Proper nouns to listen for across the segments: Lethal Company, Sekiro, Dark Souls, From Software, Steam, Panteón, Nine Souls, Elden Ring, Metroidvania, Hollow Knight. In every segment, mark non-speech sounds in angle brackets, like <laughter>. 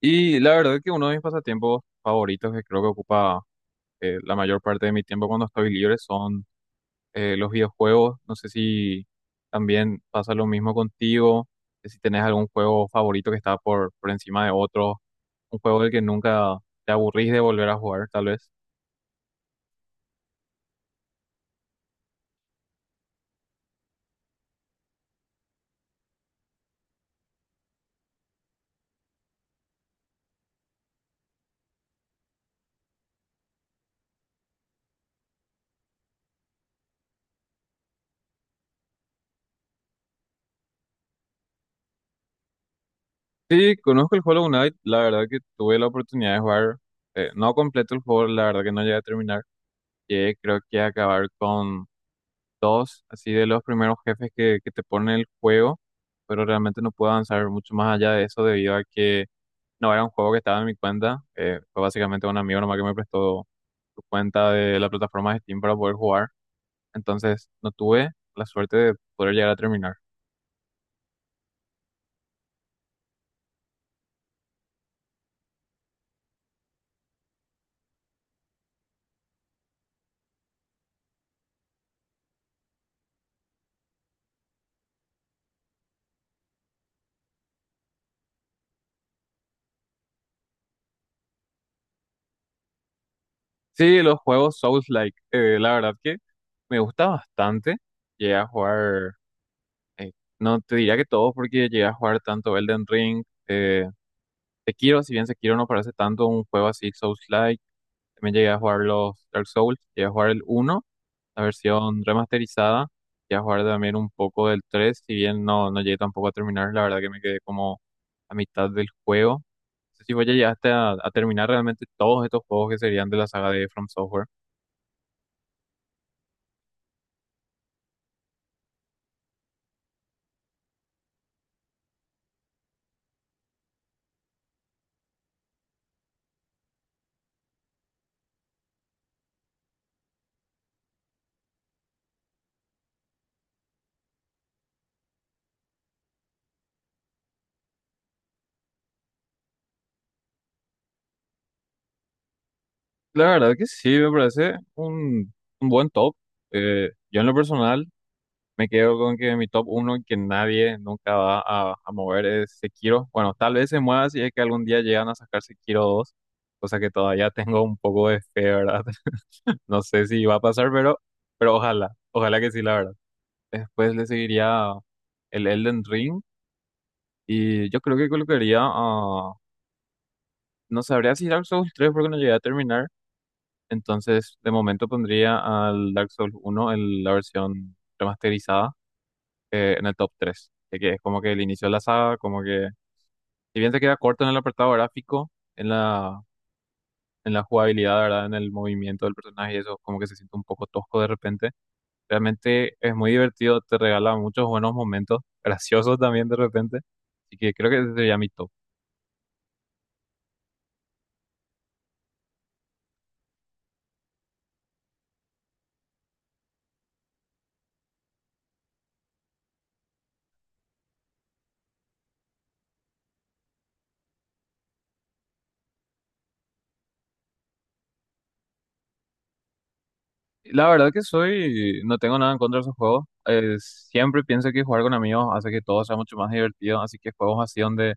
Y la verdad que uno de mis pasatiempos favoritos que creo que ocupa, la mayor parte de mi tiempo cuando estoy libre son, los videojuegos. No sé si también pasa lo mismo contigo, si tenés algún juego favorito que está por encima de otro, un juego del que nunca te aburrís de volver a jugar, tal vez. Sí, conozco el Hollow Knight, la verdad que tuve la oportunidad de jugar, no completo el juego, la verdad que no llegué a terminar, llegué creo que a acabar con dos, así de los primeros jefes que te pone el juego, pero realmente no pude avanzar mucho más allá de eso debido a que no era un juego que estaba en mi cuenta, fue básicamente un amigo nomás que me prestó su cuenta de la plataforma de Steam para poder jugar, entonces no tuve la suerte de poder llegar a terminar. Sí, los juegos Souls-like, la verdad que me gusta bastante, llegué a jugar, eh, no te diría que todos porque llegué a jugar tanto Elden Ring, Sekiro. Si bien Sekiro no parece tanto un juego así souls, también llegué a jugar los Dark Souls, llegué a jugar el uno, la versión remasterizada, llegué a jugar también un poco del tres, si bien no llegué tampoco a terminar, la verdad que me quedé como a mitad del juego. No sé si vos ya llegaste a terminar realmente todos estos juegos que serían de la saga de From Software. La verdad que sí, me parece un buen top. Yo en lo personal me quedo con que mi top 1 que nadie nunca va a mover es Sekiro. Bueno, tal vez se mueva si es que algún día llegan a sacar Sekiro dos, cosa que todavía tengo un poco de fe, ¿verdad? <laughs> No sé si va a pasar, pero ojalá, ojalá que sí, la verdad. Después le seguiría el Elden Ring y yo creo que colocaría a... No sabría si Dark Souls 3 porque no llegué a terminar, entonces de momento pondría al Dark Souls uno en la versión remasterizada, en el top 3, que es como que el inicio de la saga, como que, si bien se queda corto en el apartado gráfico, en en la jugabilidad, ¿verdad? En el movimiento del personaje y eso, como que se siente un poco tosco de repente. Realmente es muy divertido, te regala muchos buenos momentos, <laughs> graciosos también de repente. Así que creo que ese sería mi top. La verdad que soy, no tengo nada en contra de esos juegos. Siempre pienso que jugar con amigos hace que todo sea mucho más divertido. Así que juegos así donde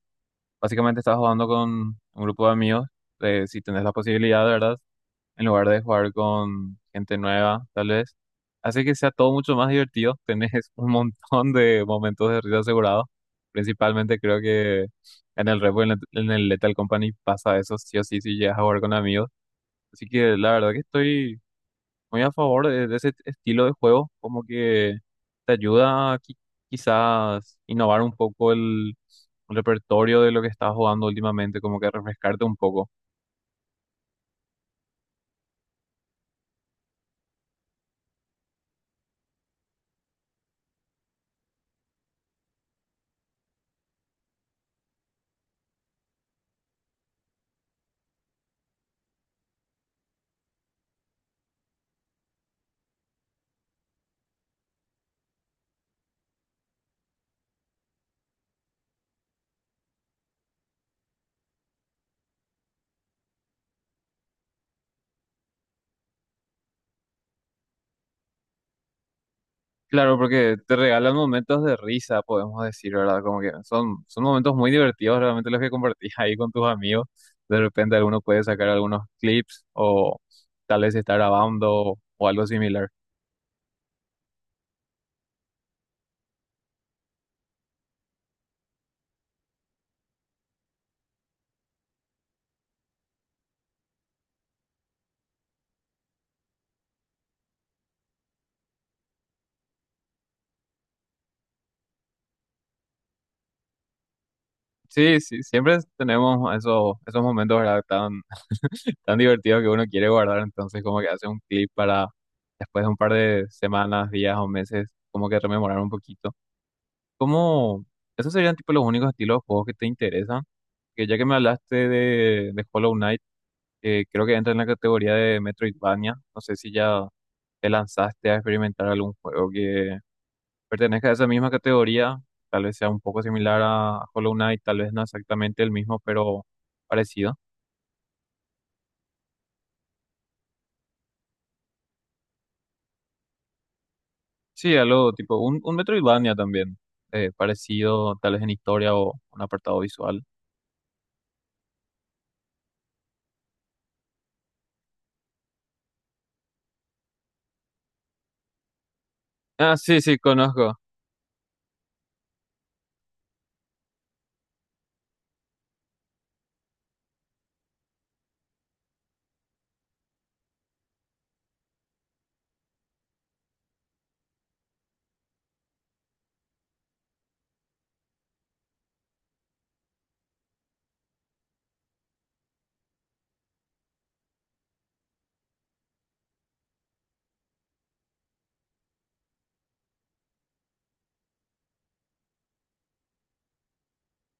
básicamente estás jugando con un grupo de amigos, si tenés la posibilidad, ¿verdad? En lugar de jugar con gente nueva, tal vez. Hace que sea todo mucho más divertido. Tenés <laughs> un montón de momentos de risa asegurados. Principalmente creo que en el Repo y en el Lethal Company pasa eso sí o sí si llegas a jugar con amigos. Así que la verdad que estoy muy a favor de ese estilo de juego, como que te ayuda a quizás innovar un poco el repertorio de lo que estás jugando últimamente, como que refrescarte un poco. Claro, porque te regalan momentos de risa, podemos decir, ¿verdad? Como que son momentos muy divertidos realmente los que compartís <laughs> ahí con tus amigos. De repente alguno puede sacar algunos clips o tal vez estar grabando o algo similar. Sí, sí, siempre tenemos esos momentos, ¿verdad? Tan divertidos que uno quiere guardar, entonces como que hace un clip para después de un par de semanas, días o meses, como que rememorar un poquito. ¿Cómo? ¿Esos serían tipo los únicos estilos de juegos que te interesan? Que ya que me hablaste de Hollow Knight, creo que entra en la categoría de Metroidvania. No sé si ya te lanzaste a experimentar algún juego que pertenezca a esa misma categoría. Tal vez sea un poco similar a Hollow Knight, tal vez no exactamente el mismo, pero parecido. Sí, algo tipo un Metroidvania también, parecido tal vez en historia o un apartado visual. Ah, sí, sí, conozco.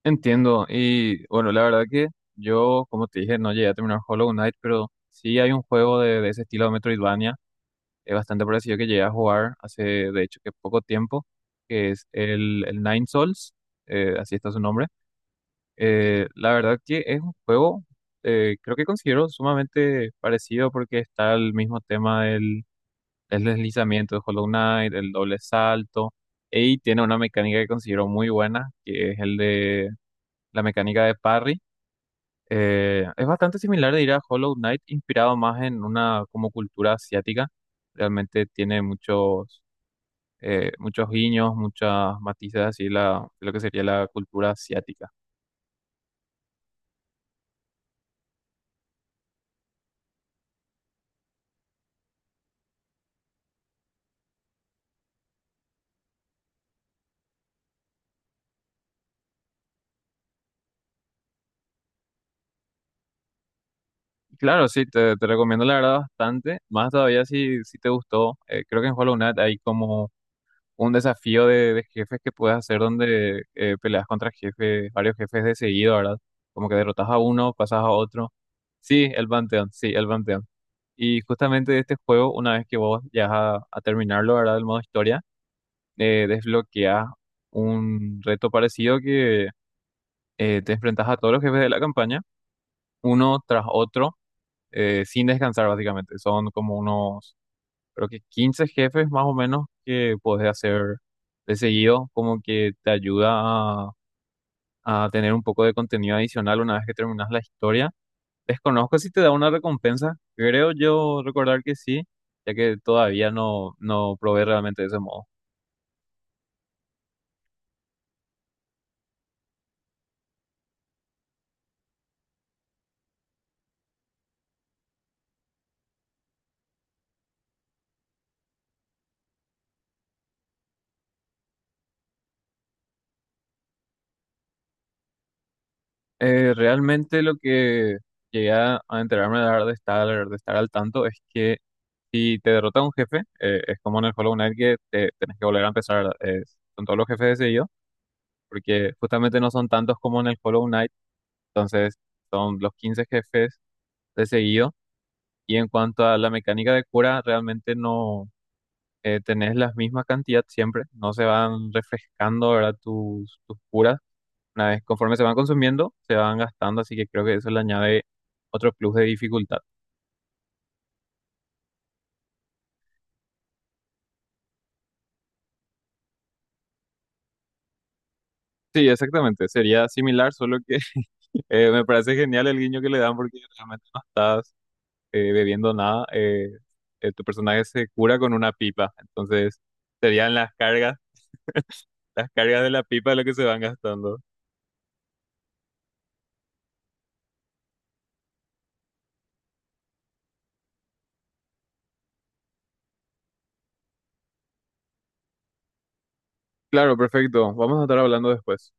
Entiendo, y bueno, la verdad que yo, como te dije, no llegué a terminar Hollow Knight, pero sí hay un juego de ese estilo de Metroidvania, es bastante parecido que llegué a jugar hace, de hecho, que poco tiempo, que es el Nine Souls, así está su nombre. La verdad que es un juego, creo que considero sumamente parecido porque está el mismo tema del deslizamiento de Hollow Knight, el doble salto, y tiene una mecánica que considero muy buena, que es el de la mecánica de parry, es bastante similar, diría, a Hollow Knight, inspirado más en una como cultura asiática. Realmente tiene muchos, muchos guiños, muchas matices así la, de lo que sería la cultura asiática. Y claro, sí, te recomiendo la verdad bastante. Más todavía si, si te gustó. Eh, creo que en Hollow Knight hay como un desafío de jefes que puedes hacer donde peleas contra jefes, varios jefes de seguido, ¿verdad? Como que derrotas a uno, pasas a otro. Sí, el Panteón, sí, el Panteón. Y justamente de este juego, una vez que vos llegas a terminarlo, ¿verdad? El modo historia, desbloqueas un reto parecido que te enfrentas a todos los jefes de la campaña, uno tras otro, sin descansar básicamente. Son como unos, creo que 15 jefes más o menos que podés hacer de seguido, como que te ayuda a tener un poco de contenido adicional una vez que terminas la historia. Desconozco si te da una recompensa, creo yo recordar que sí, ya que todavía no, no probé realmente de ese modo. Realmente lo que llegué a enterarme de estar, de estar al tanto es que si te derrota un jefe, es como en el Hollow Knight que te, tenés que volver a empezar, con todos los jefes de, porque justamente no son tantos como en el Hollow Knight, entonces son los 15 jefes de seguido. Y en cuanto a la mecánica de cura, realmente no, tenés la misma cantidad siempre, no se van refrescando ahora tus curas. Una vez conforme se van consumiendo, se van gastando, así que creo que eso le añade otro plus de dificultad. Sí, exactamente, sería similar, solo que <laughs> me parece genial el guiño que le dan porque realmente no estás, bebiendo nada, tu personaje se cura con una pipa. Entonces, serían las cargas de la pipa lo que se van gastando. Claro, perfecto. Vamos a estar hablando después.